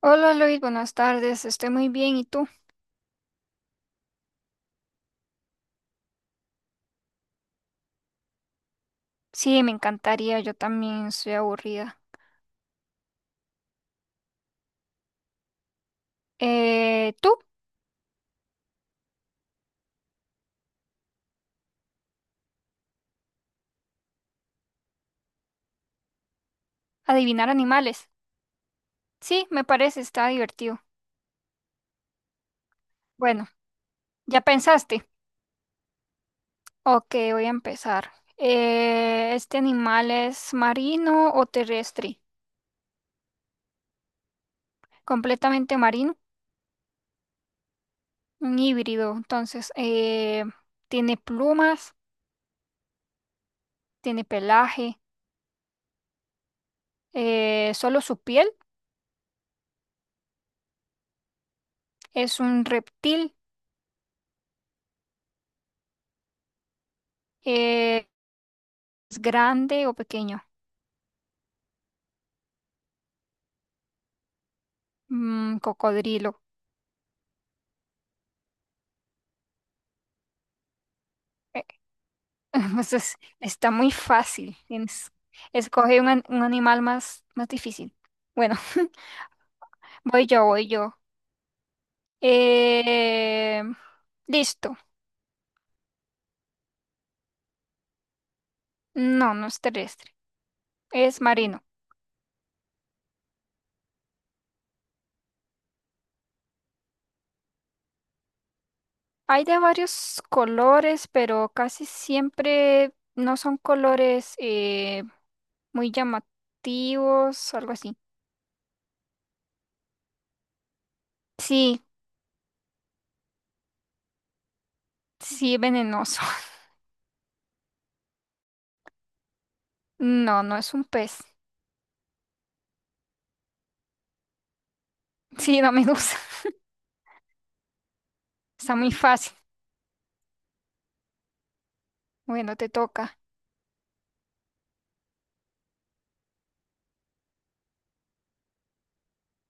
Hola Luis, buenas tardes, estoy muy bien, ¿y tú? Sí, me encantaría, yo también estoy aburrida. ¿Tú? Adivinar animales. Sí, me parece, está divertido. Bueno, ¿ya pensaste? Ok, voy a empezar. ¿Este animal es marino o terrestre? Completamente marino, un híbrido. Entonces, ¿tiene plumas? ¿Tiene pelaje? ¿Solo su piel? ¿Es un reptil? Eh, ¿Es grande o pequeño? Mm, cocodrilo. Eh, pues está muy fácil. Escoge un animal más, más difícil. Bueno, voy yo. Eh, Listo. No, no es terrestre. Es marino. Hay de varios colores, pero casi siempre no son colores muy llamativos, algo así. Sí, sí, venenoso. No, no es un pez. Sí, no me gusta. Está muy fácil. Bueno, te toca.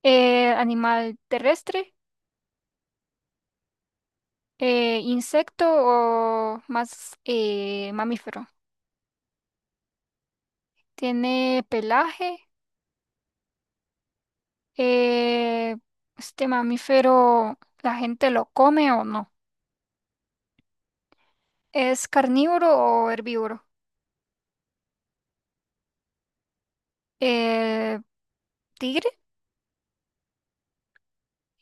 ¿Animal terrestre? ¿Insecto o más mamífero? ¿Tiene pelaje? Eh, ¿Este mamífero la gente lo come o no? ¿Es carnívoro o herbívoro? Eh, ¿Tigre?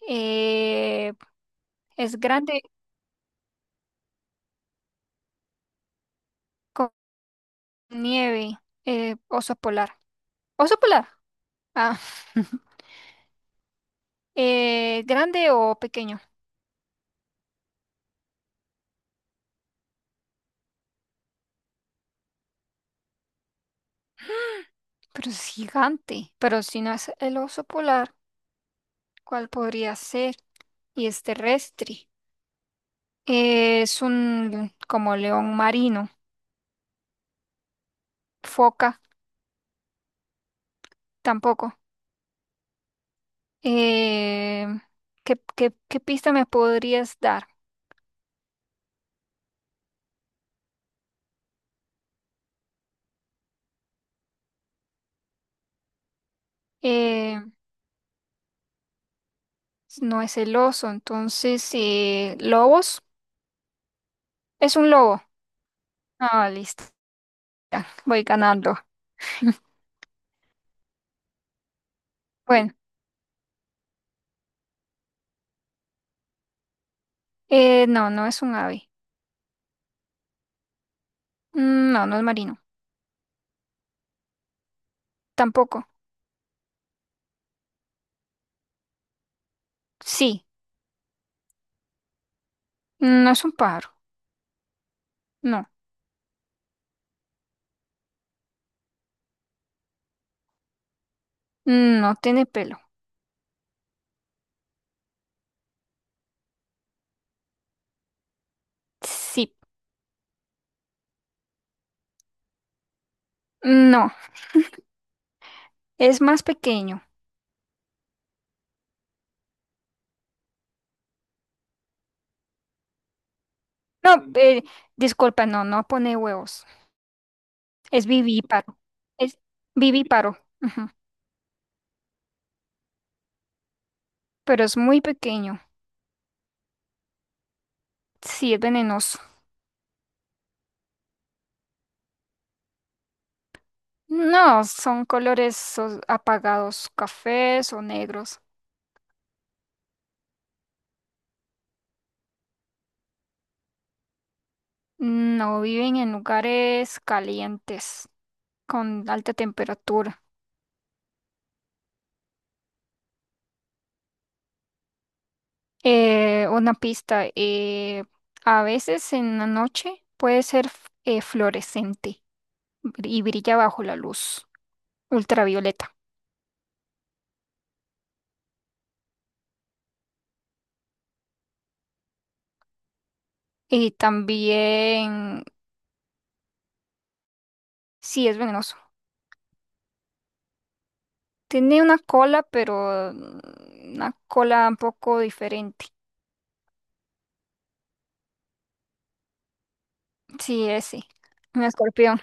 Eh, ¿Es grande con nieve? ¿Oso polar? ¿Oso polar? Ah. ¿Grande o pequeño? Pero es gigante. Pero si no es el oso polar, ¿cuál podría ser? Y es terrestre. Es un como león marino. Foca, tampoco. Eh, ¿Qué, qué pista me podrías dar? Eh, no es el oso, entonces, ¿lobos? Es un lobo. Ah, listo. Voy ganando. Bueno, no, no es un ave. Mm, no, no es marino. Tampoco. Sí, no es un pájaro. No. No tiene pelo. Sí. No, es más pequeño. No, disculpa, no, no pone huevos. Es vivíparo. Es vivíparo. Ujú, pero es muy pequeño. Sí, es venenoso. No, son colores apagados, cafés o negros. No viven en lugares calientes, con alta temperatura. Una pista, a veces en la noche puede ser fluorescente. Y brilla bajo la luz ultravioleta. Y también, sí, es venenoso. Tiene una cola, pero mm, una cola un poco diferente. Sí, ese. Un escorpión.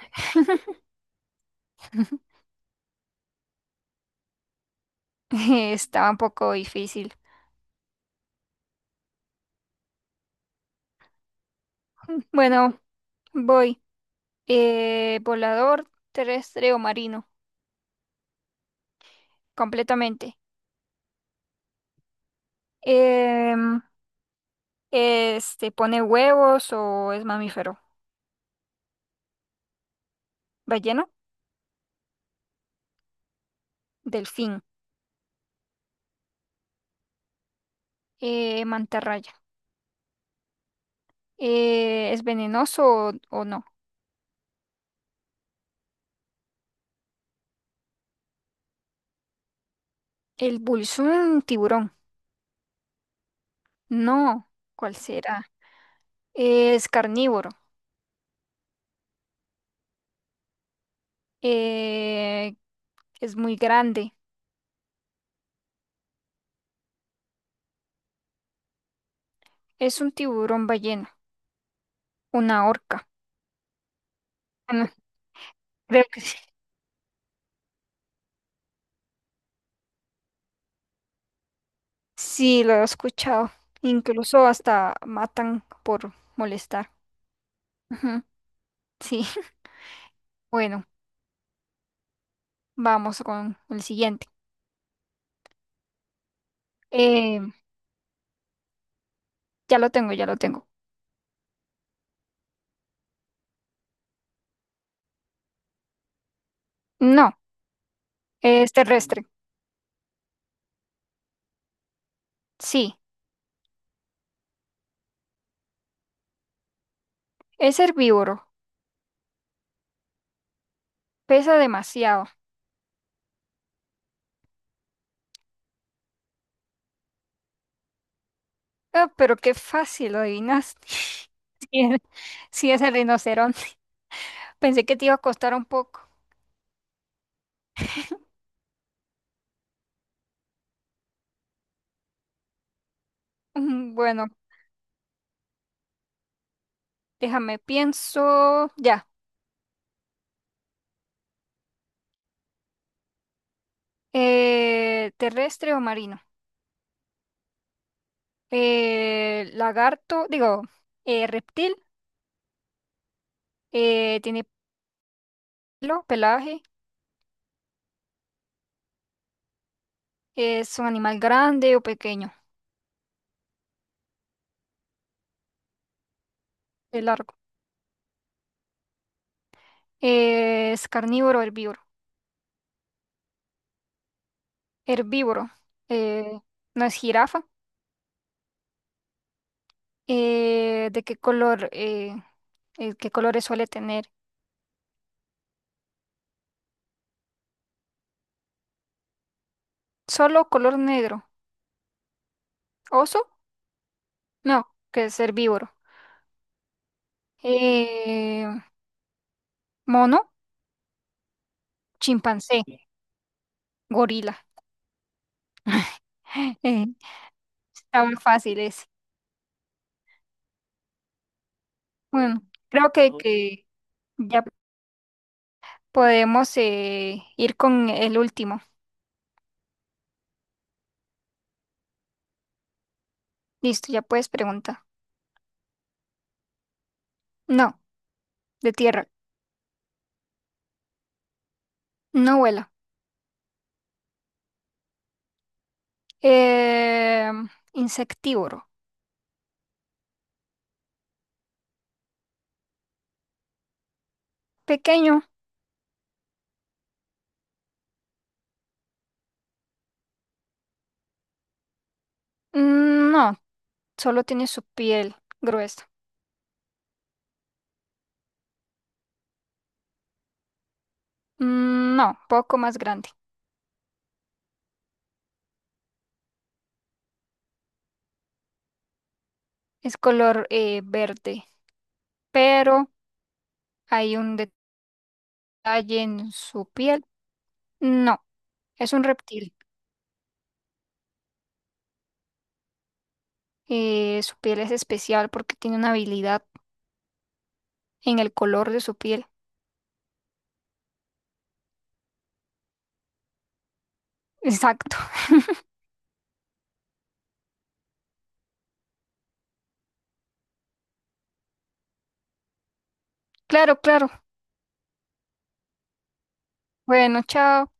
Estaba un poco difícil. Bueno, voy. ¿Volador terrestre o marino, completamente? Em, ¿Este pone huevos o es mamífero? Ballena, delfín, mantarraya. ¿Es venenoso o no? El bull es un tiburón. No, ¿cuál será? Es carnívoro. Eh, es muy grande. Es un tiburón ballena, una orca. Bueno, creo que sí. Sí, lo he escuchado. Incluso hasta matan por molestar. Ujú, sí, bueno, vamos con el siguiente. Eh, ya lo tengo, ya lo tengo. No, es terrestre. Sí, es herbívoro. Pesa demasiado. Ah, pero qué fácil lo adivinaste. Sí, es sí es el rinoceronte. Pensé que te iba a costar un poco. Mm, bueno, déjame, pienso. Ya. ¿Terrestre o marino? Lagarto, digo, reptil. ¿Tiene pelo, pelaje? ¿Es un animal grande o pequeño? Es largo. ¿Es carnívoro o herbívoro? Herbívoro. Eh, ¿No es jirafa? ¿De qué color? ¿Qué colores suele tener? Solo color negro. Oso, no, que es herbívoro. Eh, Mono, chimpancé, gorila. Eh, Está muy fácil ese. Bueno, creo que ya podemos ir con el último. Listo, ya puedes preguntar. No, de tierra. No vuela. Eh, Insectívoro. Pequeño. Mm, no, solo tiene su piel gruesa. Mm, no, poco más grande. Es color verde, pero hay un detalle en su piel. No, es un reptil. Su piel es especial porque tiene una habilidad en el color de su piel. Exacto. Claro, claro. Bueno, chao.